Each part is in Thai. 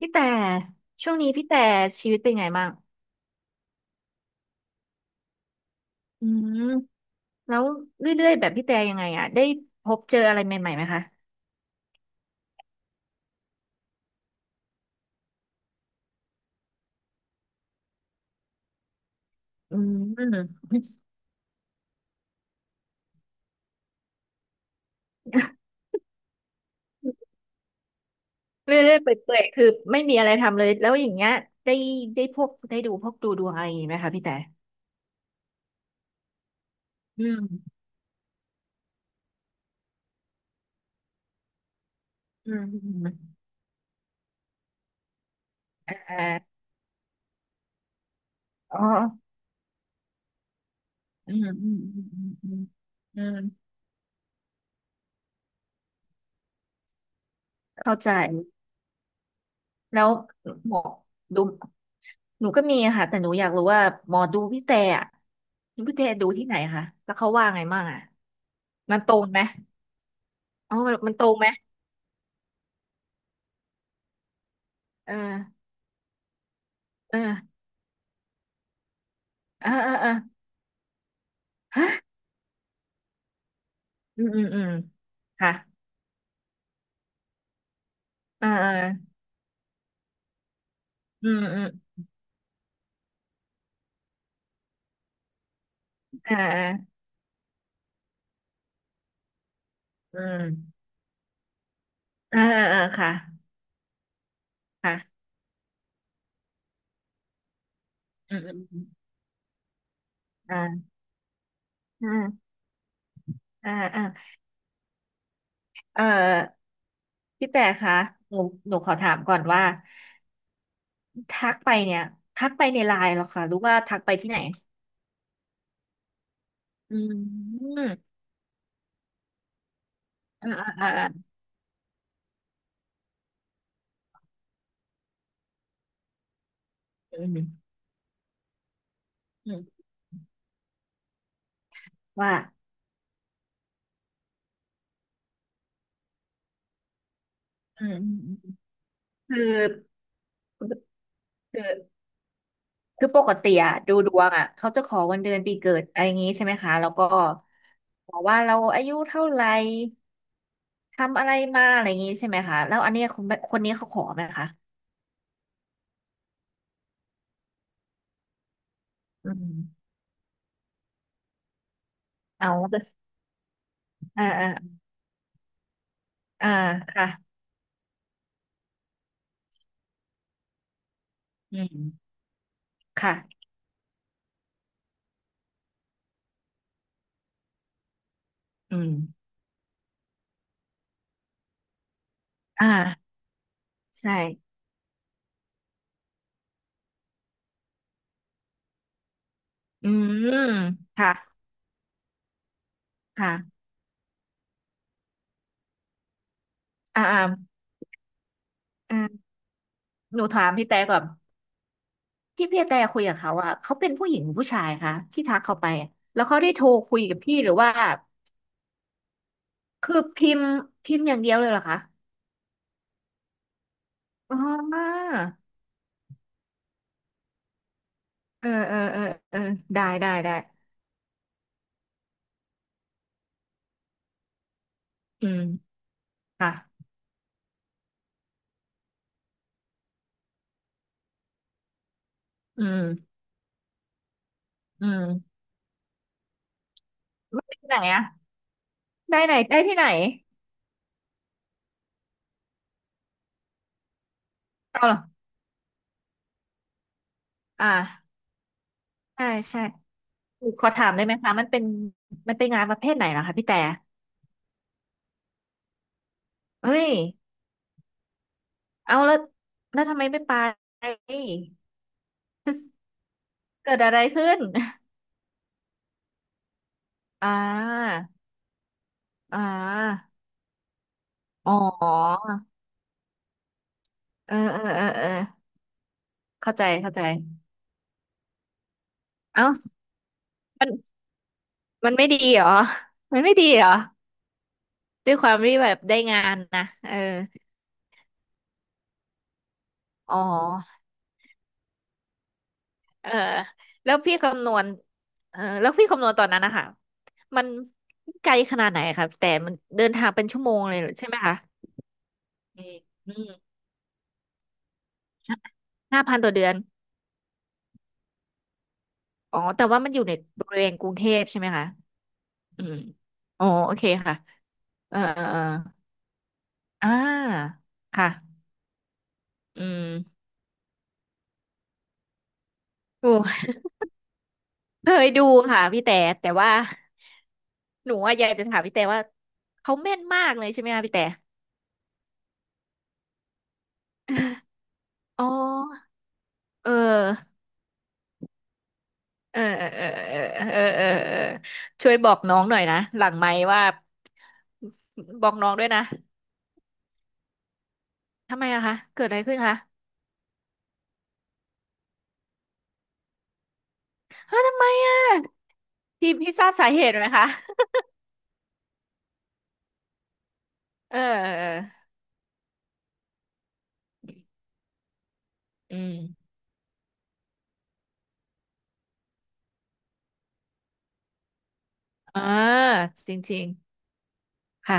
พี่แต่ช่วงนี้พี่แต่ชีวิตเป็นไงบ้างอืมแล้วเรื่อยๆแบบพี่แต่ยังไงอ่ะได้พบเจออะไรใหม่ๆไหมคะอืม เรื่อยๆเปื่อยๆคือไม่มีอะไรทำเลยแล้วอย่างเงี้ยได้ได้ดูพวกดูดวงอะไรอย่างงี้ไหมคะพี่แต่อืมอืมอืมอ่าอ๋ออืมอืมอืมอืมอืมอืมเข้าใจแล้วหมอดูหนูก็มีอะค่ะแต่หนูอยากรู้ว่าหมอดูพี่แต่อะพี่แต่ดูที่ไหนคะแล้วเขาว่าไงบ้างอะ มันตรงไหมอ๋อมันมันตรงไหมเออเออเออเออเอออืมอืมอืมค่ะเออเอออืมอืมเออเอออืมเออเออเออค่ะค่ะอืมอืมอืมอ่าอ่าอ่าอ่าเออพี่แต่คะหนูหนูขอถามก่อนว่าทักไปเนี่ยทักไปในไลน์เหรอคะหรือว่าทักไปที่ไหน อืมอ่าอ่าอ่าอืมอืมว่าอืมอืมอืมคือคือ คือปกติอะดูดวงอะเขาจะขอวันเดือนปีเกิดอะไรอย่างงี้ใช่ไหมคะแล้วก็บอกว่าเราอายุเท่าไหร่ทำอะไรมาอะไรอย่างงี้ใช่ไหมคะแล้วอันเนี้ยคนคนนี้เขาขอไหมคะอืมเอาแต่อ่าอ่าอ่าค่ะอืมค่ะอืมอ่าใช่อืมค่ะค่ะอ่าอ่าอืมหนูถามพี่แต่ก่อนที่พี่แต่คุยกับเขาอะเขาเป็นผู้หญิงหรือผู้ชายคะที่ทักเขาไปอะแล้วเขาได้โทรคุยกับพี่หรือว่า คือพิมพ์พิมพ์อย่างเดียวเลยเหรอคะอ๋อเออเออเออเออได้ได้ได้อืมค่ะอืมอืมไม่ได้ที่ไหนอะได้ไหนได้ที่ไหนเอาเหรออ่าใช่ใช่ขอถามได้ไหมคะมันเป็นมันเป็นงานประเภทไหนเหรอคะพี่แต่เฮ้ยเอาแล้วแล้วทำไมไม่ไปเกิดอะไรขึ้นอ่าอ่าอ๋อเออเออเออเออเข้าใจเข้าใจเอ้ามัน มันไม่ดีเหรอ มันไม่ดีเหรอด้วยความที่แบบได้งานนะเอออ๋อเออแล้วพี่คำนวณเออแล้วพี่คำนวณตอนนั้นนะคะ มันไกลขนาดไหนครับแต่มันเดินทางเป็นชั่วโมงเลยเหรอใช่ไหมคะอืมอืมห้าพันต่อเดือนอ๋อแต่ว่ามันอยู่ในบริเวณกรุงเทพใช่ไหมคะอืมอ๋อโอเคค่ะเออเออเอออ่าค่ะอืมโอ้เคยดูค่ะพี่แต่แต่ว่า หนูอะอยากจะถามพี่แต่ว่าเขาแม่นมากเลยใช่ไหมคะพี่แต่อ๋อเออเออเออเออเออเออเออช่วยบอกน้องหน่อยนะหลังไมค์ว่าบอกน้องด้วยนะทำไมอะคะเกิดอะไรขึ้นคะเฮ้ยทำไมอะพี่ทราบสาเหตุไหมคะเออเอออืมอ่าจริงๆค่ะ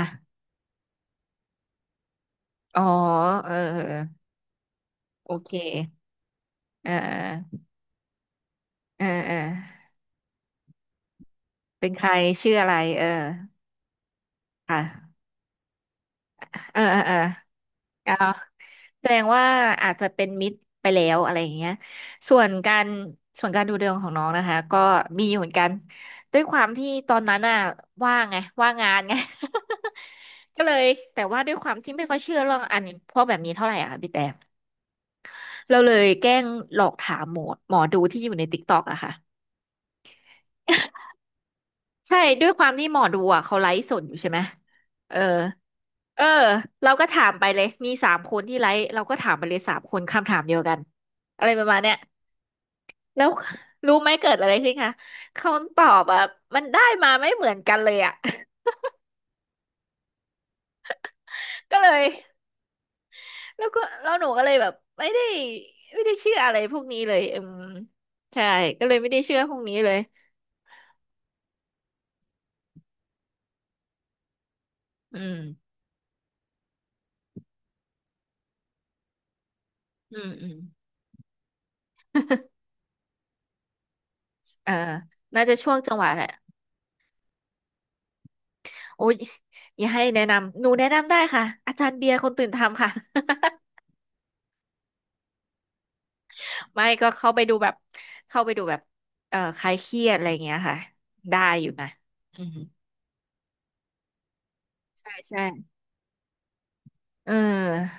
อ๋อเออเออโอเคเออเออเออเออเป็นใครชื่ออะไรเออค่ะเออเออเออ อ่าแสดงว่าอาจจะเป็นมิตรไปแล้วอะไรอย่างเงี้ยส่วนการส่วนการดูดวงของน้องนะคะก็มีอยู่เหมือนกันด้วยความที่ตอนนั้นน่ะว่างไงว่างงานไง ก็เลยแต่ว่าด้วยความที่ไม่ค่อยเชื่อเรื่องอันนี้พวกแบบนี้เท่าไหร่อะค่ะพี่แต่เราเลยแกล้งหลอกถามหมอดูที่อยู่ในติ๊กต็อกอะค่ะใช่ด้วยความที่หมอดูอะเขาไลฟ์สดอยู่ใช่ไหมเออ เออเราก็ถามไปเลยมีสามคนที่ไลฟ์เราก็ถามไปเลยสามคนคำถามเดียวกันอะไรประมาณเนี้ยแล้วรู้ไหมเกิดอะไรขึ้นคะคำตอบอ่ะมันได้มาไม่เหมือนกันเลยอ่ะ ก็เลยแล้วก็แล้วหนูก็เลยแบบไม่ได้ไม่ได้เชื่ออะไรพวกนี้เลยอืมใช่ก็เลยไม่ได้เชื่อพวกนี้เลยอืมอืมอืมเออน่าจะช่วงจังหวะแหละโอ้ยอย่าให้แนะนำหนูแนะนำได้ค่ะอาจารย์เบียร์คนตื่นทำค่ะ ไม่ก็เข้าไปดูแบบเข้าไปดูแบบคลายเครียดอะไรอย่างเงี้ยค่ะได้อยู่นะอืมใช่ใช่เออ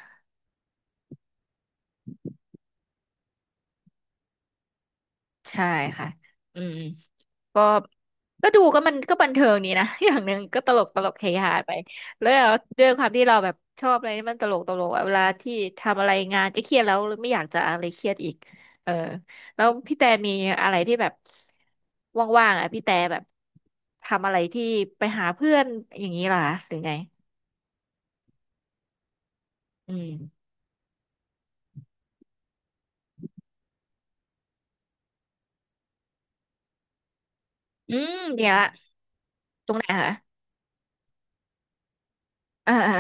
ใช่ค่ะอืมก็ก็ดูก็มันก็บันเทิงดีนะ อย่างหนึ่งก็ตลกตลกเฮฮาไปแล้วด้วยความที่เราแบบชอบอะไรที่มันตลกตลกอะเวลาที่ทำอะไรงานก็เครียดแล้วไม่อยากจะอะไรเครียดอีกเออแล้วพี่แต่มีอะไรที่แบบว่างๆอ่ะพี่แต่แบบทำอะไรที่ไปหาเพื่อนอย่างนี้เหรอคะหรือไง อืมอืมเดี๋ยวอะตรงไหนคะเออเออ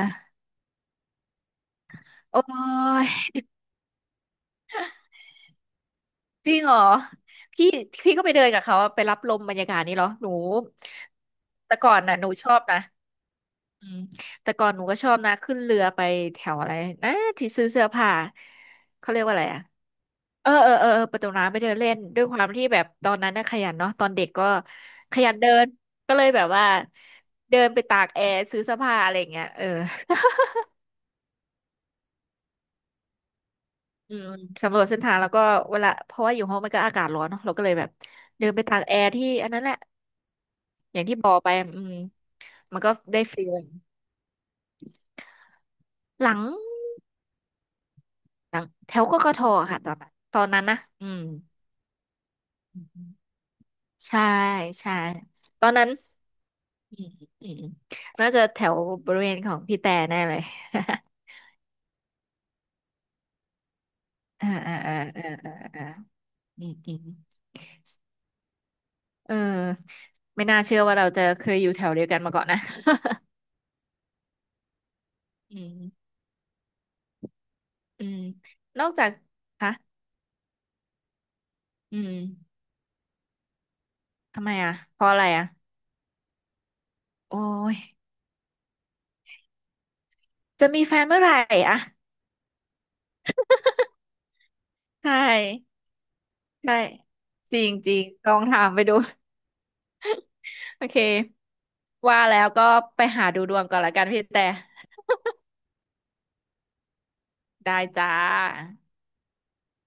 โอ้ยจริงเหรอพี่พี่ก็ไปเดินกับเขาอะไปรับลมบรรยากาศนี่เหรอหนูแต่ก่อนน่ะหนูชอบนะอืมแต่ก่อนหนูก็ชอบนะขึ้นเรือไปแถวอะไรนะที่ซื้อเสื้อผ้าเขาเรียกว่าอะไรอะเออเออเออเออประตูน้ำไปเดินเล่นด้วยความที่แบบตอนนั้นน่ะขยันเนาะตอนเด็กก็ขยันเดินก็เลยแบบว่าเดินไปตากแอร์ซื้อเสื้อผ้าอะไรอย่างเงี้ยเออ อืมสำรวจเส้นทางแล้วก็เวลาเพราะว่าอยู่ห้องมันก็อากาศร้อนเนาะเราก็เลยแบบเดินไปตากแอร์ที่อันนั้นแหละอย่างที่บอกไปอืมมันก็ได้ฟีลหลังหลังแถวกกทค่ะตอนนั้นนะอืมใช่ใช่ตอนนั้นอืมอืมน่าจะแถวบริเวณของพี่แต่แน่เลย อ่าอ่าอ่าอ่าอ่าอ่าอืมอืมเออไม่น่าเชื่อว่าเราจะเคยอยู่แถวเดียวกันมาก่อนนะ อืมอืมนอกจากคะ อืมทำไมอ่ะเพราะอะไรอ่ะโอ้ยจะมีแฟนเมื่อไหร่อ่ะใช่ใช่จริงจริงลองถามไปดูโอเคว่าแล้วก็ไปหาดูดวงก่อนละกันพี่แต่ได้จ้า